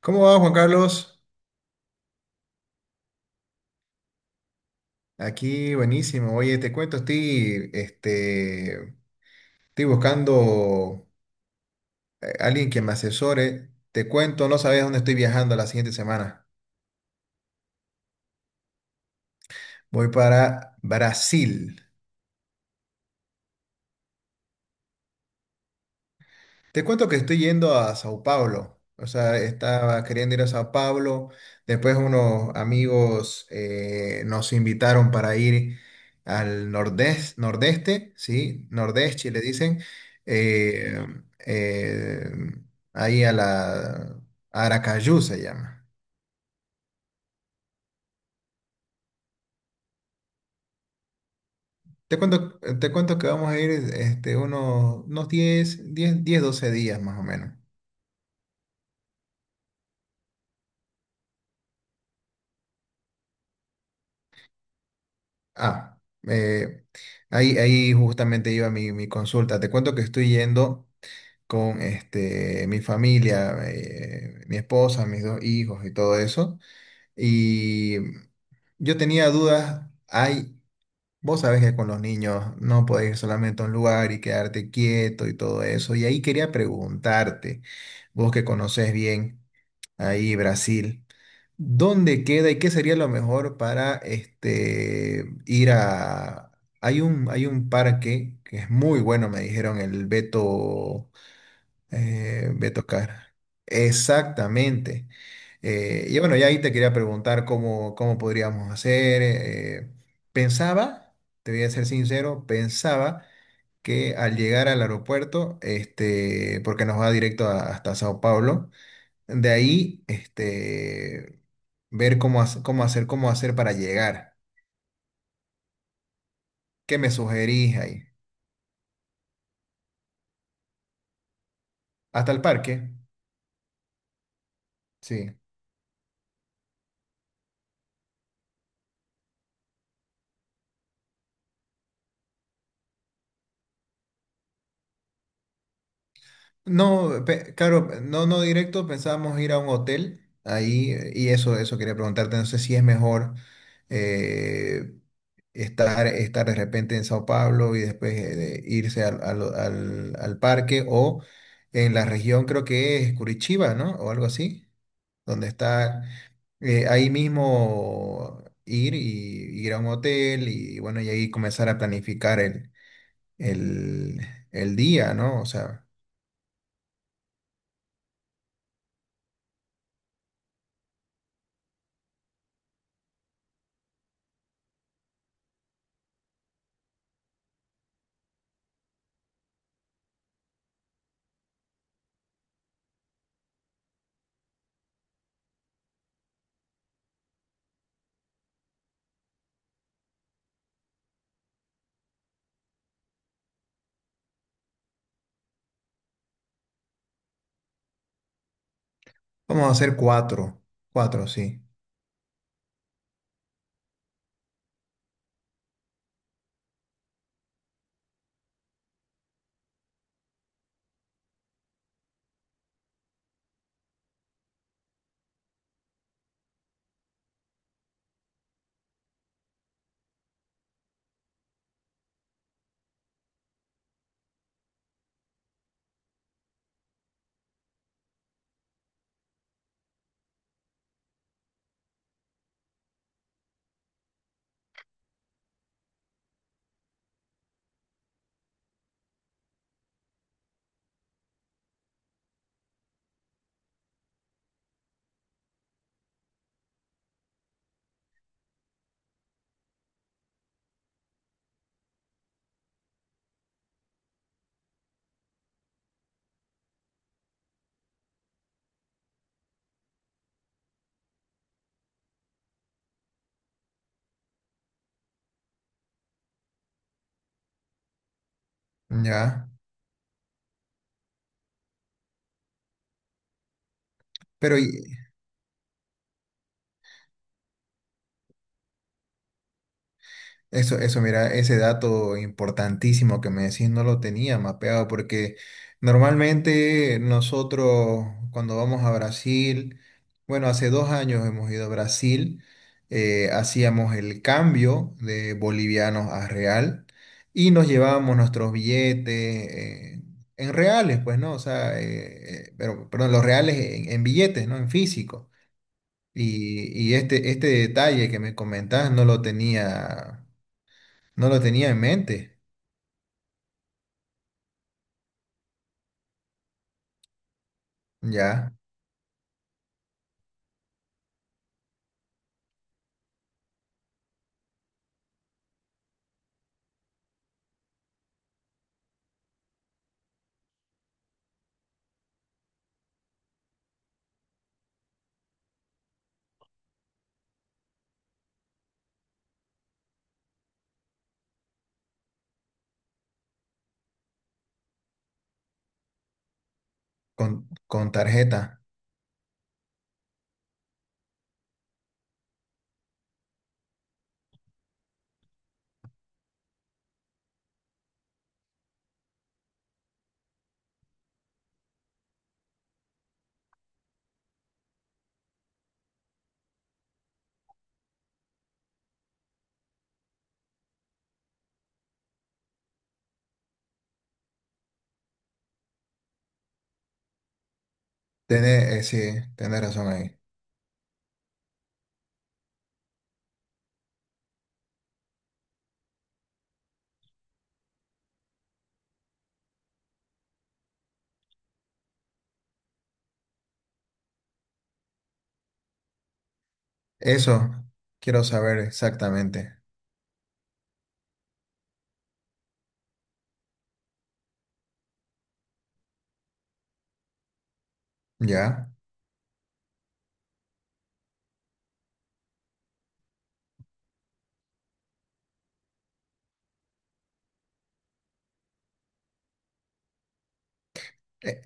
¿Cómo va, Juan Carlos? Aquí, buenísimo. Oye, te cuento, estoy buscando alguien que me asesore. Te cuento, no sabes dónde estoy viajando la siguiente semana. Voy para Brasil. Te cuento que estoy yendo a Sao Paulo. O sea, estaba queriendo ir a Sao Paulo. Después unos amigos nos invitaron para ir al nordeste, ¿sí? Nordeste, le dicen. eh, eh, ahí a la Aracaju se llama. Te cuento que vamos a ir este, unos 12 días más o menos. Ah, eh, ahí justamente iba mi consulta. Te cuento que estoy yendo con este, mi familia, mi esposa, mis dos hijos y todo eso. Y yo tenía dudas. Hay, vos sabés que con los niños no podés ir solamente a un lugar y quedarte quieto y todo eso. Y ahí quería preguntarte, vos que conocés bien ahí Brasil. ¿Dónde queda y qué sería lo mejor para este, ir a... hay un parque que es muy bueno, me dijeron, el Beto, Beto Car. Exactamente. Y bueno, ya ahí te quería preguntar cómo podríamos hacer. Pensaba, te voy a ser sincero, pensaba que al llegar al aeropuerto, este, porque nos va directo hasta Sao Paulo, de ahí, este, ver cómo cómo hacer para llegar. ¿Qué me sugerís ahí? ¿Hasta el parque? Sí. No, claro, no directo, pensábamos ir a un hotel ahí y eso quería preguntarte, no sé si es mejor eh, estar de repente en Sao Paulo y después de irse al parque o en la región creo que es Curitiba, ¿no? O algo así, donde está... ahí mismo ir y ir a un hotel y bueno, y ahí comenzar a planificar el, el día, ¿no? O sea, vamos a hacer cuatro, cuatro, sí, ya. Pero, y- Eso, eso, mira, ese dato importantísimo que me decís no lo tenía mapeado porque normalmente nosotros cuando vamos a Brasil, bueno, hace dos años hemos ido a Brasil, hacíamos el cambio de bolivianos a real y nos llevábamos nuestros billetes eh, en reales, pues, ¿no? O sea, pero, perdón, los reales en billetes, ¿no? En físico. Y este, este detalle que me comentás no lo tenía. No lo tenía en mente, ya, con tarjeta. Tener sí, tiene razón ahí. Eso quiero saber exactamente, ya. Eh,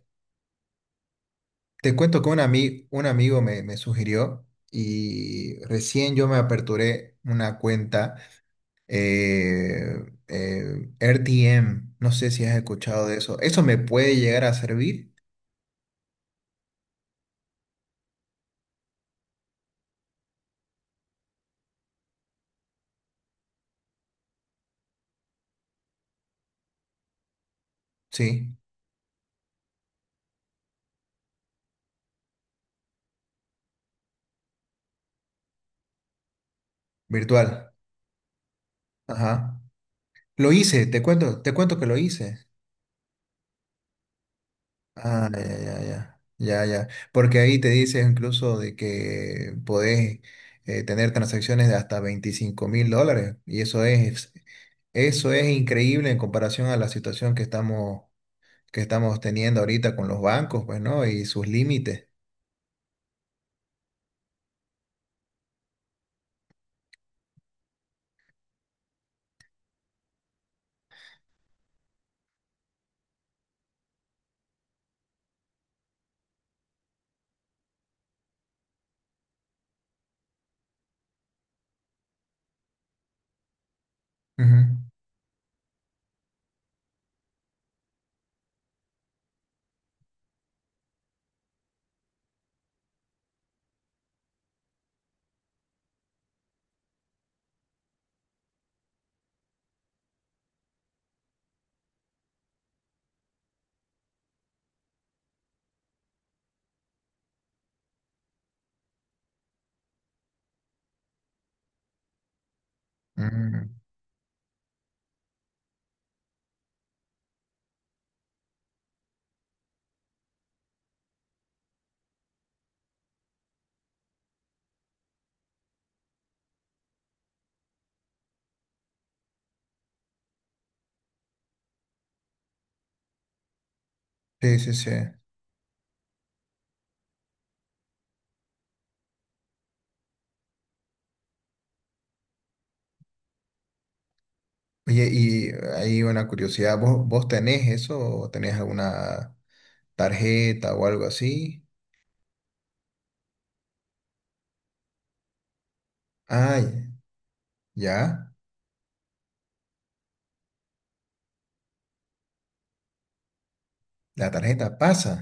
te cuento que un amigo me sugirió y recién yo me aperturé una cuenta eh, RTM. No sé si has escuchado de eso. ¿Eso me puede llegar a servir? Sí, virtual. Ajá. Lo hice, te cuento que lo hice. Ah, ya, Porque ahí te dice incluso de que podés tener transacciones de hasta $25.000. Y eso es increíble en comparación a la situación que estamos teniendo ahorita con los bancos, pues, ¿no? Y sus límites. Ujú, ujú. Sí, sí, sí. Oye, y hay una curiosidad, ¿vos, vos tenés eso o tenés alguna tarjeta o algo así? Ay, ya, la tarjeta pasa.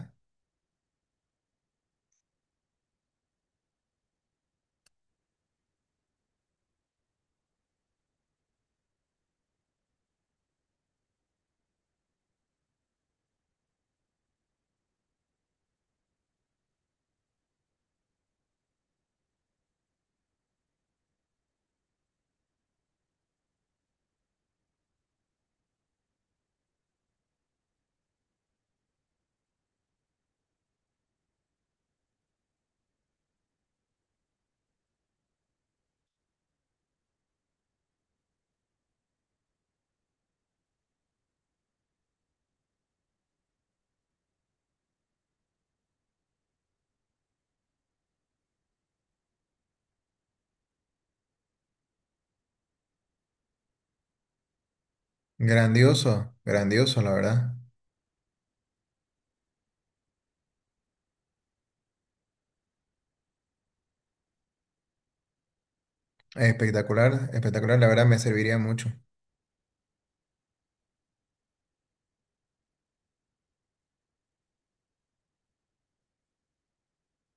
Grandioso, grandioso, la verdad. Espectacular, espectacular, la verdad me serviría mucho.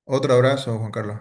Otro abrazo, Juan Carlos.